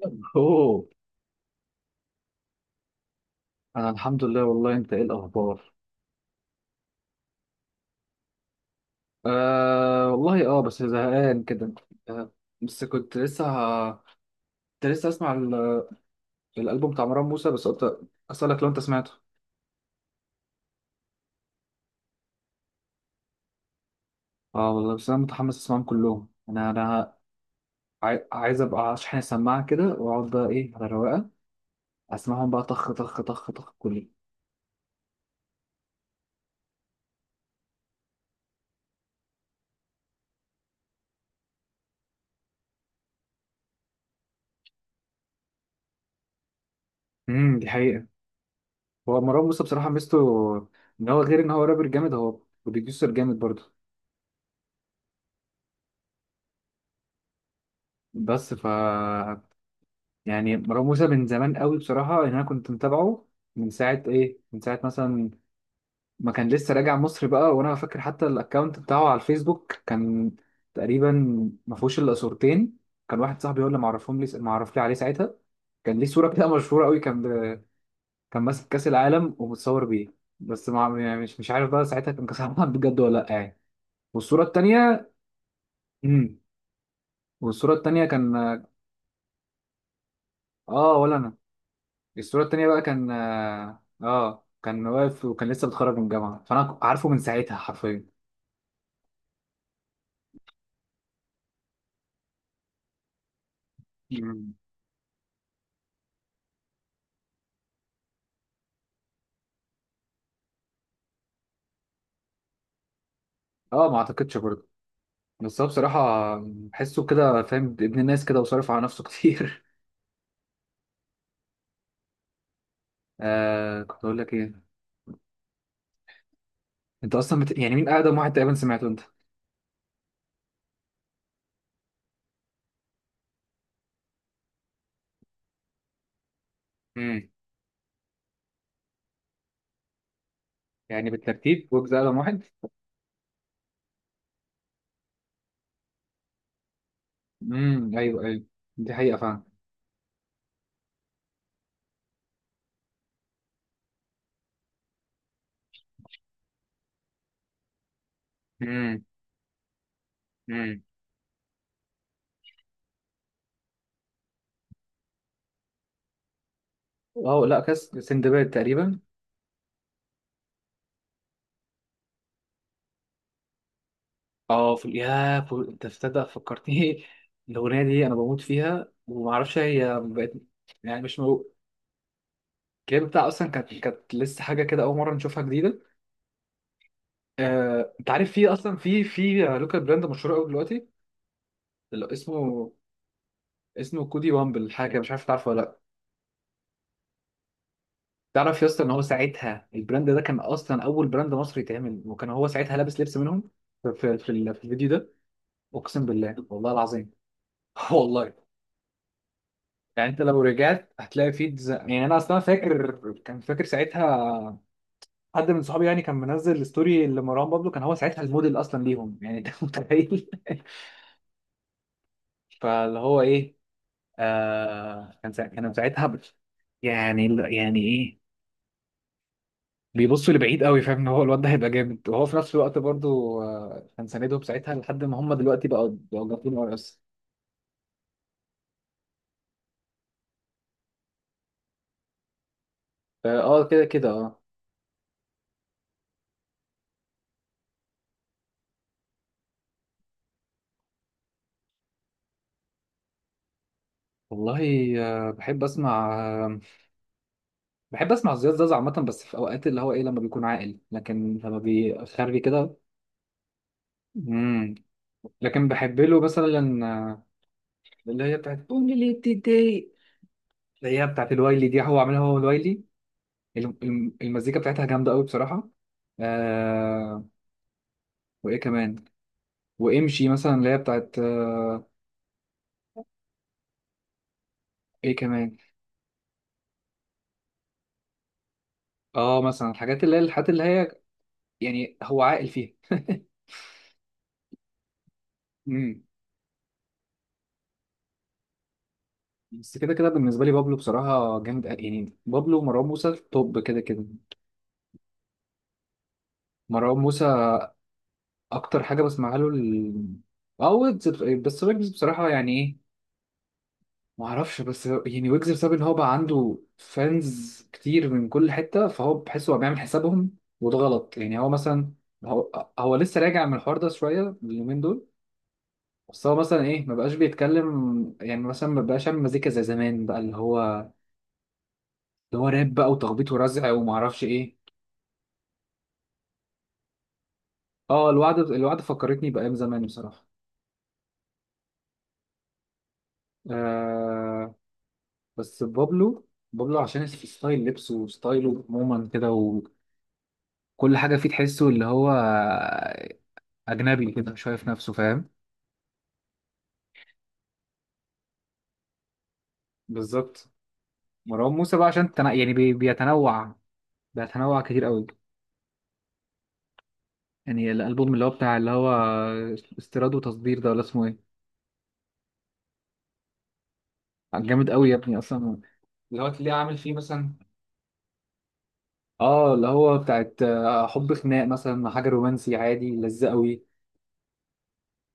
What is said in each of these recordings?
اوه. انا الحمد لله والله، انت ايه الاخبار؟ آه والله، بس زهقان كده. آه. بس ه... كنت لسه اسمع الالبوم بتاع مروان موسى، بس قلت اسالك لو انت سمعته. اه والله، بس انا متحمس اسمعهم كلهم، انا. عايز ابقى اشحن السماعه كده واقعد بقى ايه على الرواقه، اسمعهم بقى طخ طخ طخ طخ كلهم. دي حقيقه. هو مروان موسى بصراحه ميزته ان هو، غير ان هو رابر جامد، هو بروديوسر جامد برضه. بس يعني مروان موسى من زمان قوي بصراحة، يعني أنا كنت متابعه من ساعة مثلا، ما كان لسه راجع مصر بقى، وأنا فاكر حتى الأكاونت بتاعه على الفيسبوك كان تقريبا ما فيهوش إلا صورتين. كان واحد صاحبي هو اللي معرف لي عليه ساعتها. كان ليه صورة كده مشهورة قوي، كان ماسك كأس العالم ومتصور بيه. بس يعني مش عارف بقى ساعتها، كان كأس العالم بجد ولا لأ يعني. والصورة التانية... امم والصورة التانية كان... آه، ولا أنا. الصورة التانية بقى كان، كان واقف وكان لسه بيتخرج من الجامعة، فأنا عارفه من ساعتها حرفيا. مم. اه، ما اعتقدش برضه. بس هو بصراحة بحسه كده، فاهم؟ ابن الناس كده وصارف على نفسه كتير. آه، كنت اقول لك ايه. انت اصلا يعني مين اقدم واحد تقريبا سمعته انت؟ مم. يعني بالترتيب ويجز اقدم واحد؟ ايوه، ايوه، دي حقيقة فعلا. مم. مم. اه لا، كاس سندباد تقريبا. اه، في يا انت تصدق فكرتني الاغنيه دي انا بموت فيها وما اعرفش هي بقت. يعني مش الكليب بتاعها اصلا كانت لسه حاجه كده، اول مره نشوفها جديده. انت عارف، في اصلا في لوكال براند مشهور قوي دلوقتي اللي اسمه... اسمه كودي وامبل حاجه، مش عارف تعرفه ولا لا. تعرف يا اسطى، ان هو ساعتها البراند ده كان اصلا اول براند مصري يتعمل، وكان هو ساعتها لابس لبس منهم في في الفيديو ده. اقسم بالله والله العظيم. والله. يعني انت لو رجعت هتلاقي يعني انا اصلا فاكر، كان فاكر ساعتها حد من صحابي يعني كان منزل ستوري لمروان بابلو، كان هو ساعتها الموديل اصلا ليهم، يعني انت متخيل؟ فاللي هو ايه... آه، كان ساعتها يعني يعني ايه، بيبصوا لبعيد قوي، فاهم ان هو الواد ده هيبقى جامد، وهو في نفس الوقت برضو آه، كان ساندهم ساعتها لحد ما هم دلوقتي بقوا جامدين قوي اصلا. اه، كده كده اه. والله آه، بحب اسمع زياد زازا عامة، بس في اوقات اللي هو ايه لما بيكون عاقل، لكن لما بيخري كده. امم لكن بحب له مثلا، اللي هي بتاعت قولي لي بتضايق، اللي هي بتاعت الوايلي دي، هو عاملها، هو الوايلي. المزيكا بتاعتها جامدة قوي بصراحة. آه، وايه كمان، وامشي مثلا، اللي هي بتاعت ايه كمان. اه، مثلا الحاجات اللي هي، يعني هو عاقل فيها. امم بس كده كده بالنسبة لي، بابلو بصراحة جامد، يعني بابلو ومروان موسى توب كده كده. مروان موسى، اكتر حاجه بسمعها له ال... او ويجز. بس ويجز بصراحه يعني ايه، ما اعرفش، بس يعني ويجز بسبب ان هو بقى عنده فانز كتير من كل حته، فهو بحسه هو بيعمل حسابهم، وده غلط، يعني هو مثلا، هو لسه راجع من الحوار ده شويه اليومين دول. بس هو مثلا ايه، ما بقاش بيتكلم يعني، مثلا ما بقاش يعمل مزيكا زي زمان بقى، اللي هو راب بقى وتخبيط ورزع وما اعرفش ايه. اه، الوعد فكرتني بايام زمان بصراحه. آه، بس بابلو، عشان ستايل لبسه وستايله عموما كده، وكل حاجة فيه تحسه اللي هو أجنبي كده، مش شايف نفسه فاهم؟ بالظبط. مروان موسى بقى عشان يعني بيتنوع، كتير قوي. يعني الألبوم اللي هو بتاع، اللي هو استيراد وتصدير ده، ولا اسمه ايه، جامد قوي يا ابني أصلا، اللي هو تلاقيه عامل فيه مثلا، اه، اللي هو بتاعت آه، حب خناق مثلا، حاجة رومانسي عادي، لذة قوي،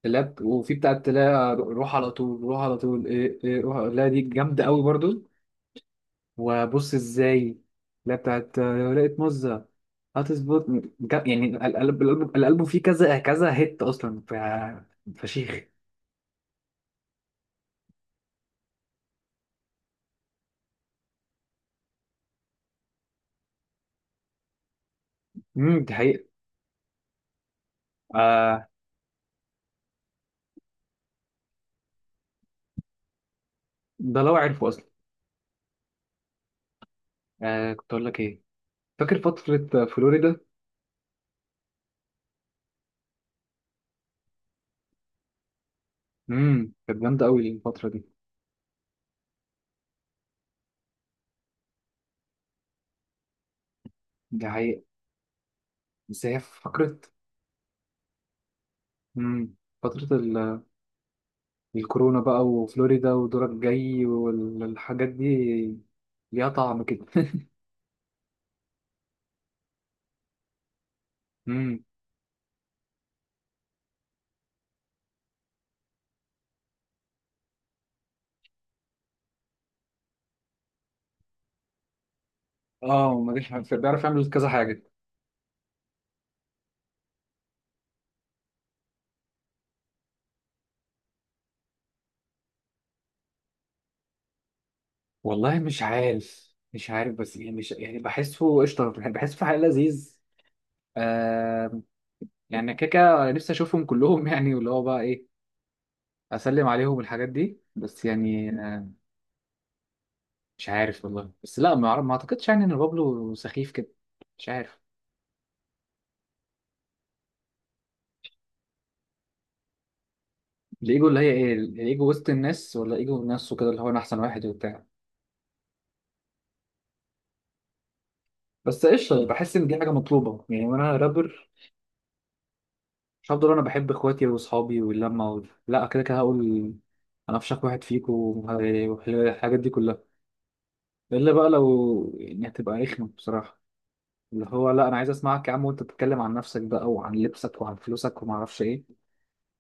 لاب، وفي بتاعت لا روح على طول، روح على طول، ايه روح، لا دي جامدة قوي برضو. وبص ازاي، لا بتاعت لو لقيت مزة هتظبط. يعني الألبوم فيه كذا كذا هيت أصلا، فشيخ. دي حقيقة. آه، ده لو عرفه أصلا. آه، كنت أقول لك إيه. فاكر فترة فلوريدا؟ كانت جامدة أوي الفترة دي. دي حقيقة. بس هي فكرة، امم فترة الكورونا بقى وفلوريدا ودورك جاي، والحاجات دي ليها طعم كده. امم اه، ما ديش بيعرف يعمل كذا حاجة. والله مش عارف، بس يعني مش يعني، بحسه قشطة يعني، بحسه في حق لذيذ. آه، يعني كيكة نفسي اشوفهم كلهم يعني، واللي هو بقى ايه، اسلم عليهم الحاجات دي، بس يعني آه، مش عارف والله، بس لا ما اعتقدش يعني ان بابلو سخيف كده، مش عارف. الايجو اللي هي ايه، الايجو وسط الناس، ولا ايجو نفسه كده اللي هو انا احسن واحد وبتاع؟ بس قشطه، بحس ان دي حاجه مطلوبه يعني وانا رابر، مش هفضل انا بحب اخواتي واصحابي واللمه و... لا، كده كده هقول انا افشخ واحد فيكم والحاجات دي كلها. الا بقى لو يعني هتبقى رخمه بصراحه، اللي هو لا انا عايز اسمعك يا عم، وانت بتتكلم عن نفسك بقى وعن لبسك وعن فلوسك وما اعرفش ايه.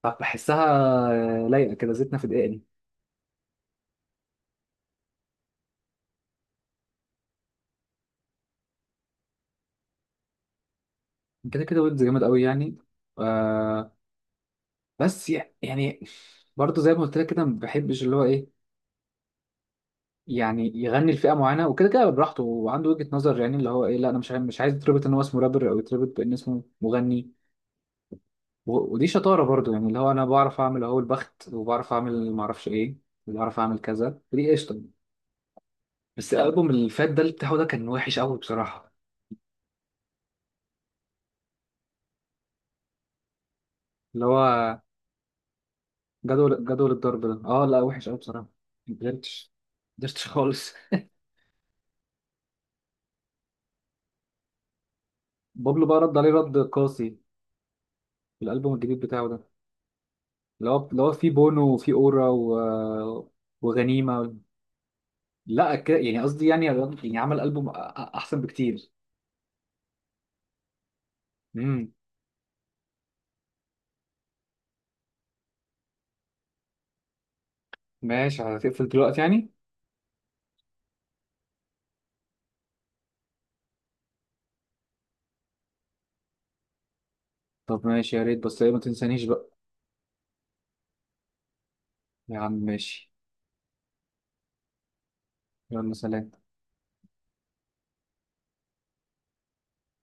فبحسها لايقه كده، زيتنا في دقيقه. كده كده ويجز جامد قوي يعني. آه، بس يعني برضه زي ما قلت لك كده، ما بحبش اللي هو ايه يعني يغني لفئه معينه، وكده كده براحته وعنده وجهه نظر، يعني اللي هو ايه، لا انا مش عايز يتربط ان هو اسمه رابر او يتربط بان اسمه مغني. ودي شطاره برضو، يعني اللي هو انا بعرف اعمل اهو البخت، وبعرف اعمل ما اعرفش ايه، وبعرف اعمل كذا، ودي قشطه. بس الالبوم اللي فات ده اللي بتاعه ده كان وحش قوي بصراحه، اللي هو جدول الضرب ده. اه لا، وحش قوي بصراحه، ما قدرتش، ما قدرتش خالص. بابلو بقى رد عليه رد قاسي في الالبوم الجديد بتاعه ده، اللي هو فيه بونو وفيه اورا و... وغنيمه. لا يعني قصدي، يعني عمل ألبوم أحسن بكتير. امم ماشي، هتقفل دلوقتي يعني؟ طب ماشي، يا ريت بس إيه، ما تنسانيش بقى. يا عم ماشي. يلا سلام.